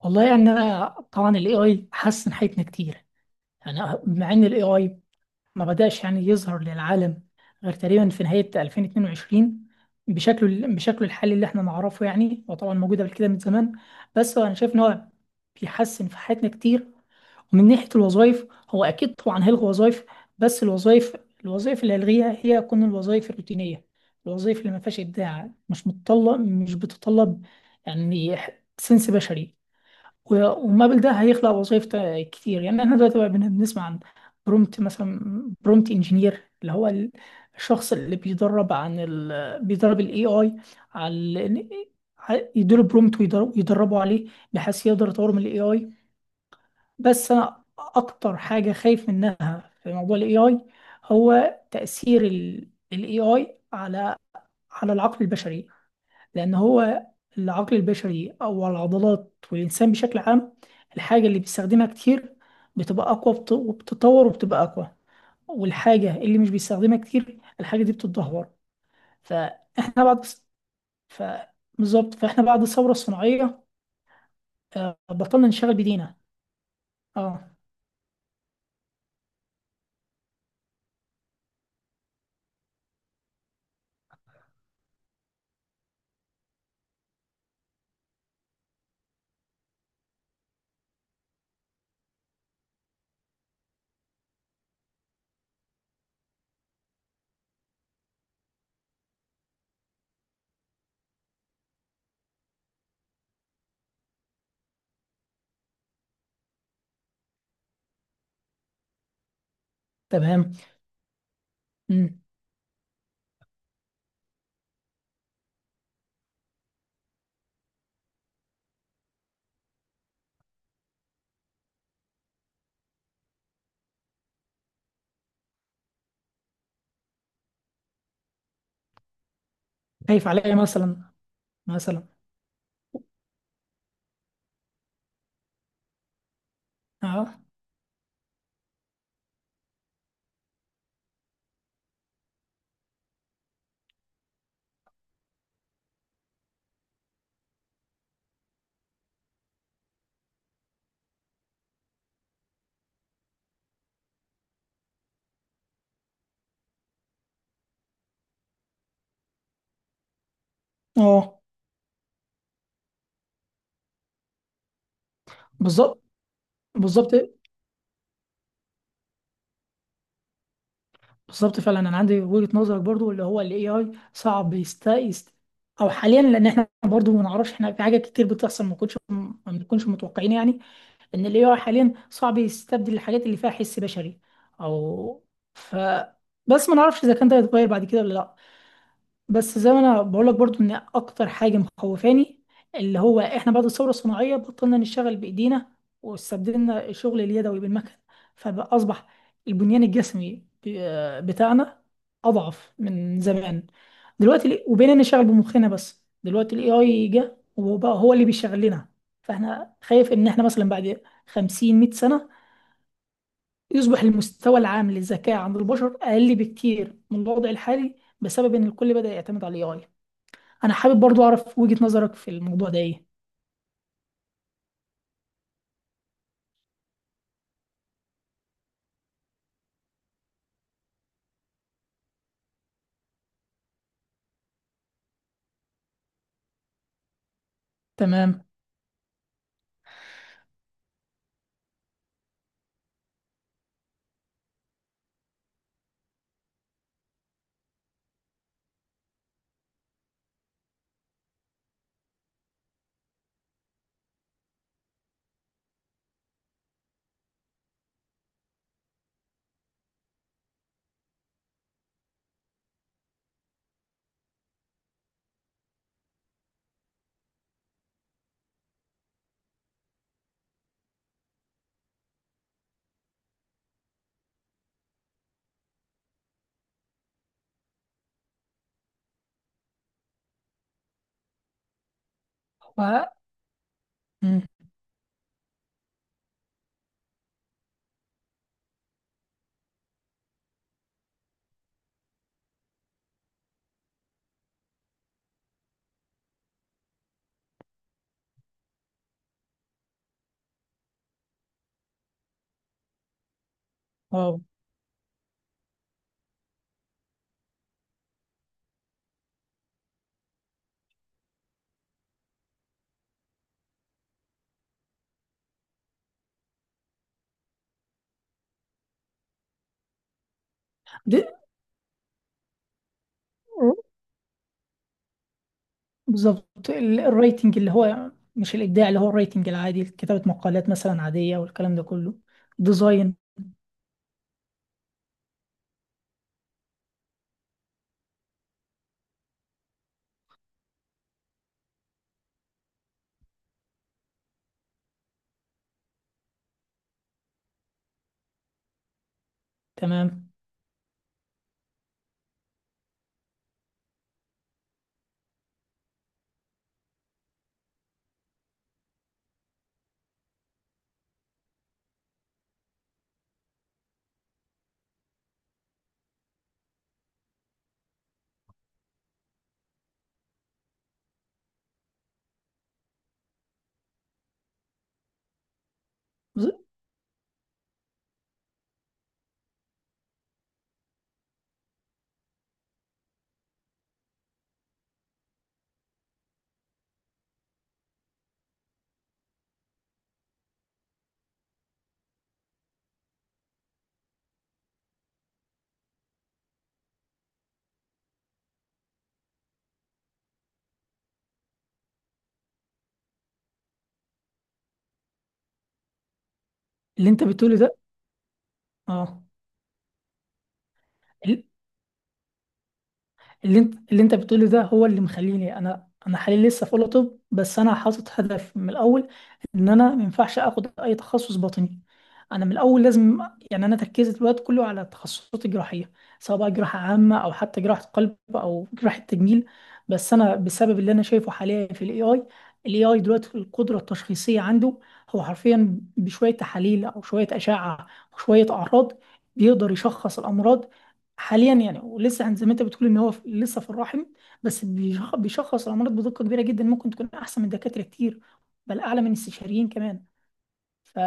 والله، يعني انا طبعا الاي اي حسن حياتنا كتير، يعني. مع ان الاي اي ما بداش يعني يظهر للعالم غير تقريبا في نهاية 2022 بشكله الحالي اللي احنا نعرفه. يعني هو طبعا موجود قبل كده من زمان، بس انا شايف ان هو بيحسن في حياتنا كتير. ومن ناحية الوظائف، هو اكيد طبعا هيلغي وظائف، بس الوظائف اللي هيلغيها هي تكون الوظائف الروتينية، الوظائف اللي ما فيهاش ابداع، مش متطلب، مش بتطلب يعني سنس بشري. و- ومابل ده هيخلق وظائف كتير. يعني احنا دلوقتي بقى بنسمع عن برومت مثلا، برومت انجينير، اللي هو الشخص اللي بيدرب عن بيدرب الاي اي على يديله برومت ويدربه عليه، بحيث يقدر يطور من الاي اي. بس انا اكتر حاجة خايف منها في موضوع الاي اي هو تأثير الاي اي على العقل البشري. لأن هو العقل البشري أو العضلات والإنسان بشكل عام، الحاجة اللي بيستخدمها كتير بتبقى أقوى وبتتطور وبتبقى أقوى، والحاجة اللي مش بيستخدمها كتير الحاجة دي بتتدهور. فإحنا بعد ف بالظبط، فإحنا بعد الثورة الصناعية بطلنا نشتغل بإيدينا. أه. تمام. مم. خايف عليا مثلا. مثلا. أه. أه. بالظبط. بالظبط. بالظبط فعلا، انا عندي وجهة نظرك برضو، اللي هو الاي اي صعب او حاليا، لان احنا برضو ما نعرفش. احنا في حاجات كتير بتحصل ما بنكونش متوقعين. يعني ان الاي اي حاليا صعب يستبدل الحاجات اللي فيها حس بشري، او ف بس ما نعرفش اذا كان ده هيتغير بعد كده ولا لا. بس زي ما انا بقول لك برضو ان اكتر حاجه مخوفاني، اللي هو احنا بعد الثوره الصناعيه بطلنا نشتغل بايدينا، واستبدلنا الشغل اليدوي بالمكن، فاصبح البنيان الجسمي بتاعنا اضعف من زمان. دلوقتي وبقينا نشتغل بمخنا، بس دلوقتي الاي اي جه وبقى هو اللي بيشغل لنا. فاحنا خايف ان احنا مثلا بعد 50 100 سنه يصبح المستوى العام للذكاء عند البشر اقل بكتير من الوضع الحالي، بسبب ان الكل بدأ يعتمد على الاي اي. انا حابب برضو اعرف وجهة نظرك في الموضوع ده ايه؟ تمام. و... مم. واو. دي... بالظبط، الرايتنج اللي هو مش الابداع، اللي هو الرايتنج العادي، كتابة مقالات مثلا عادية والكلام ده كله. ديزاين. تمام. بز- اللي انت بتقوله ده. اه. اللي انت بتقوله ده هو اللي مخليني انا حاليا لسه في اولى طب. بس انا حاطط هدف من الاول ان انا ما ينفعش اخد اي تخصص باطني. انا من الاول لازم، يعني انا تركيزي الوقت كله على التخصصات الجراحيه، سواء بقى جراحه عامه او حتى جراحه قلب او جراحه تجميل. بس انا بسبب اللي انا شايفه حاليا في الاي اي، الاي اي دلوقتي القدره التشخيصيه عنده، هو حرفيا بشويه تحاليل او شويه اشعه وشويه اعراض بيقدر يشخص الامراض حاليا. يعني، ولسه زي ما انت بتقول ان هو لسه في الرحم، بس بيشخص الامراض بدقه كبيره جدا، ممكن تكون احسن من دكاتره كتير، بل اعلى من الاستشاريين كمان. ف...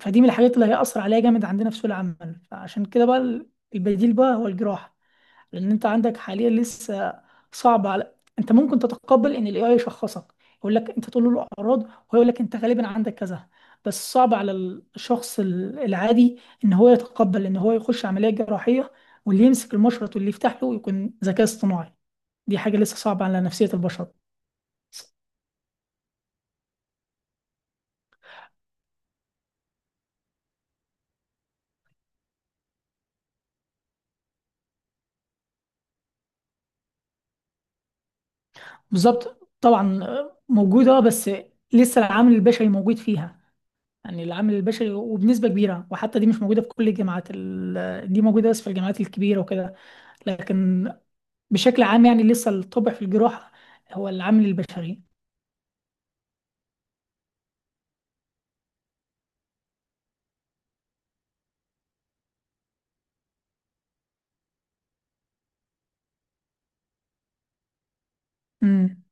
فدي من الحاجات اللي هيأثر عليها جامد عندنا في سوق العمل. فعشان كده بقى البديل بقى هو الجراحه، لان انت عندك حاليا لسه صعب على. انت ممكن تتقبل ان الاي اي يشخصك، يقول لك، انت تقول له الاعراض وهو يقول لك انت غالبا عندك كذا، بس صعب على الشخص العادي ان هو يتقبل ان هو يخش عمليه جراحيه، واللي يمسك المشرط واللي يفتح له يكون ذكاء اصطناعي. دي حاجه لسه صعبه على نفسيه البشر. بالظبط طبعا، موجوده، بس لسه العامل البشري موجود فيها. يعني العامل البشري وبنسبه كبيره، وحتى دي مش موجوده في كل الجامعات. دي موجوده بس في الجامعات الكبيره وكده. لكن بشكل عام، يعني لسه الطبع في الجراحة هو العامل البشري. امم.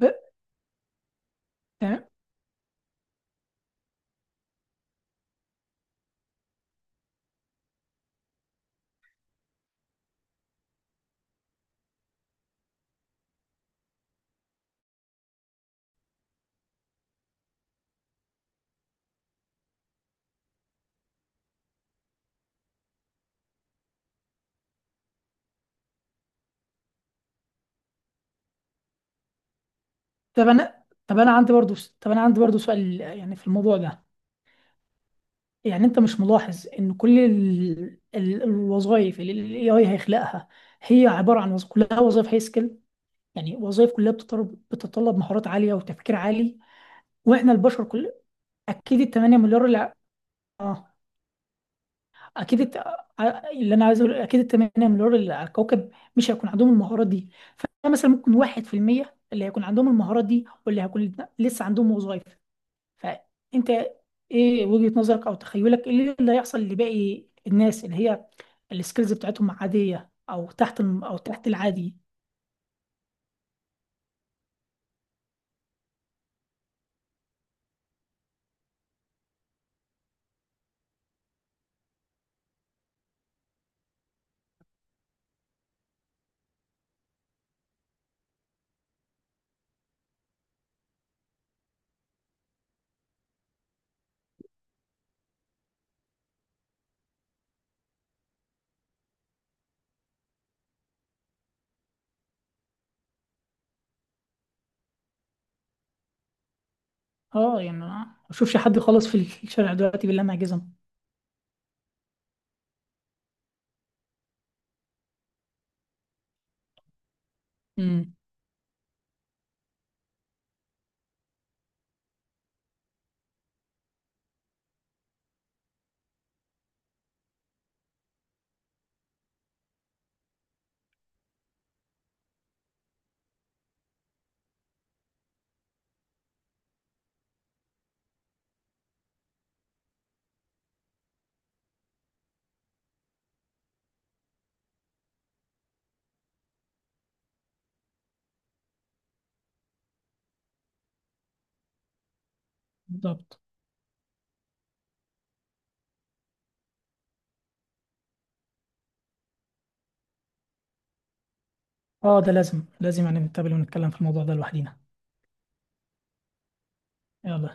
ب... تمام. طب انا عندي برضو. طب انا عندي برضو سؤال يعني في الموضوع ده. يعني انت مش ملاحظ ان كل الوظائف اللي الاي اي هيخلقها هي عبارة عن كلها وظائف هاي سكيل؟ يعني وظائف كلها بتتطلب مهارات عالية وتفكير عالي. واحنا البشر كل، اكيد ال 8 مليار اللي، اه، اكيد اللي انا عايز اقول اكيد 8 مليار اللي على الكوكب مش هيكون عندهم المهارات دي. فمثلا ممكن واحد في المية اللي هيكون عندهم المهارات دي واللي هيكون لسه عندهم وظائف. فانت ايه وجهة نظرك او تخيلك ايه اللي هيحصل لباقي الناس؟ اللي هي السكيلز بتاعتهم عادية او تحت او تحت العادي. اه، يعني أنا ما اشوفش حد خالص في الشارع دلوقتي، بالله ما. امم. بالظبط. اه، ده لازم لازم يعني نتقابل ونتكلم في الموضوع ده لوحدينا. يلا.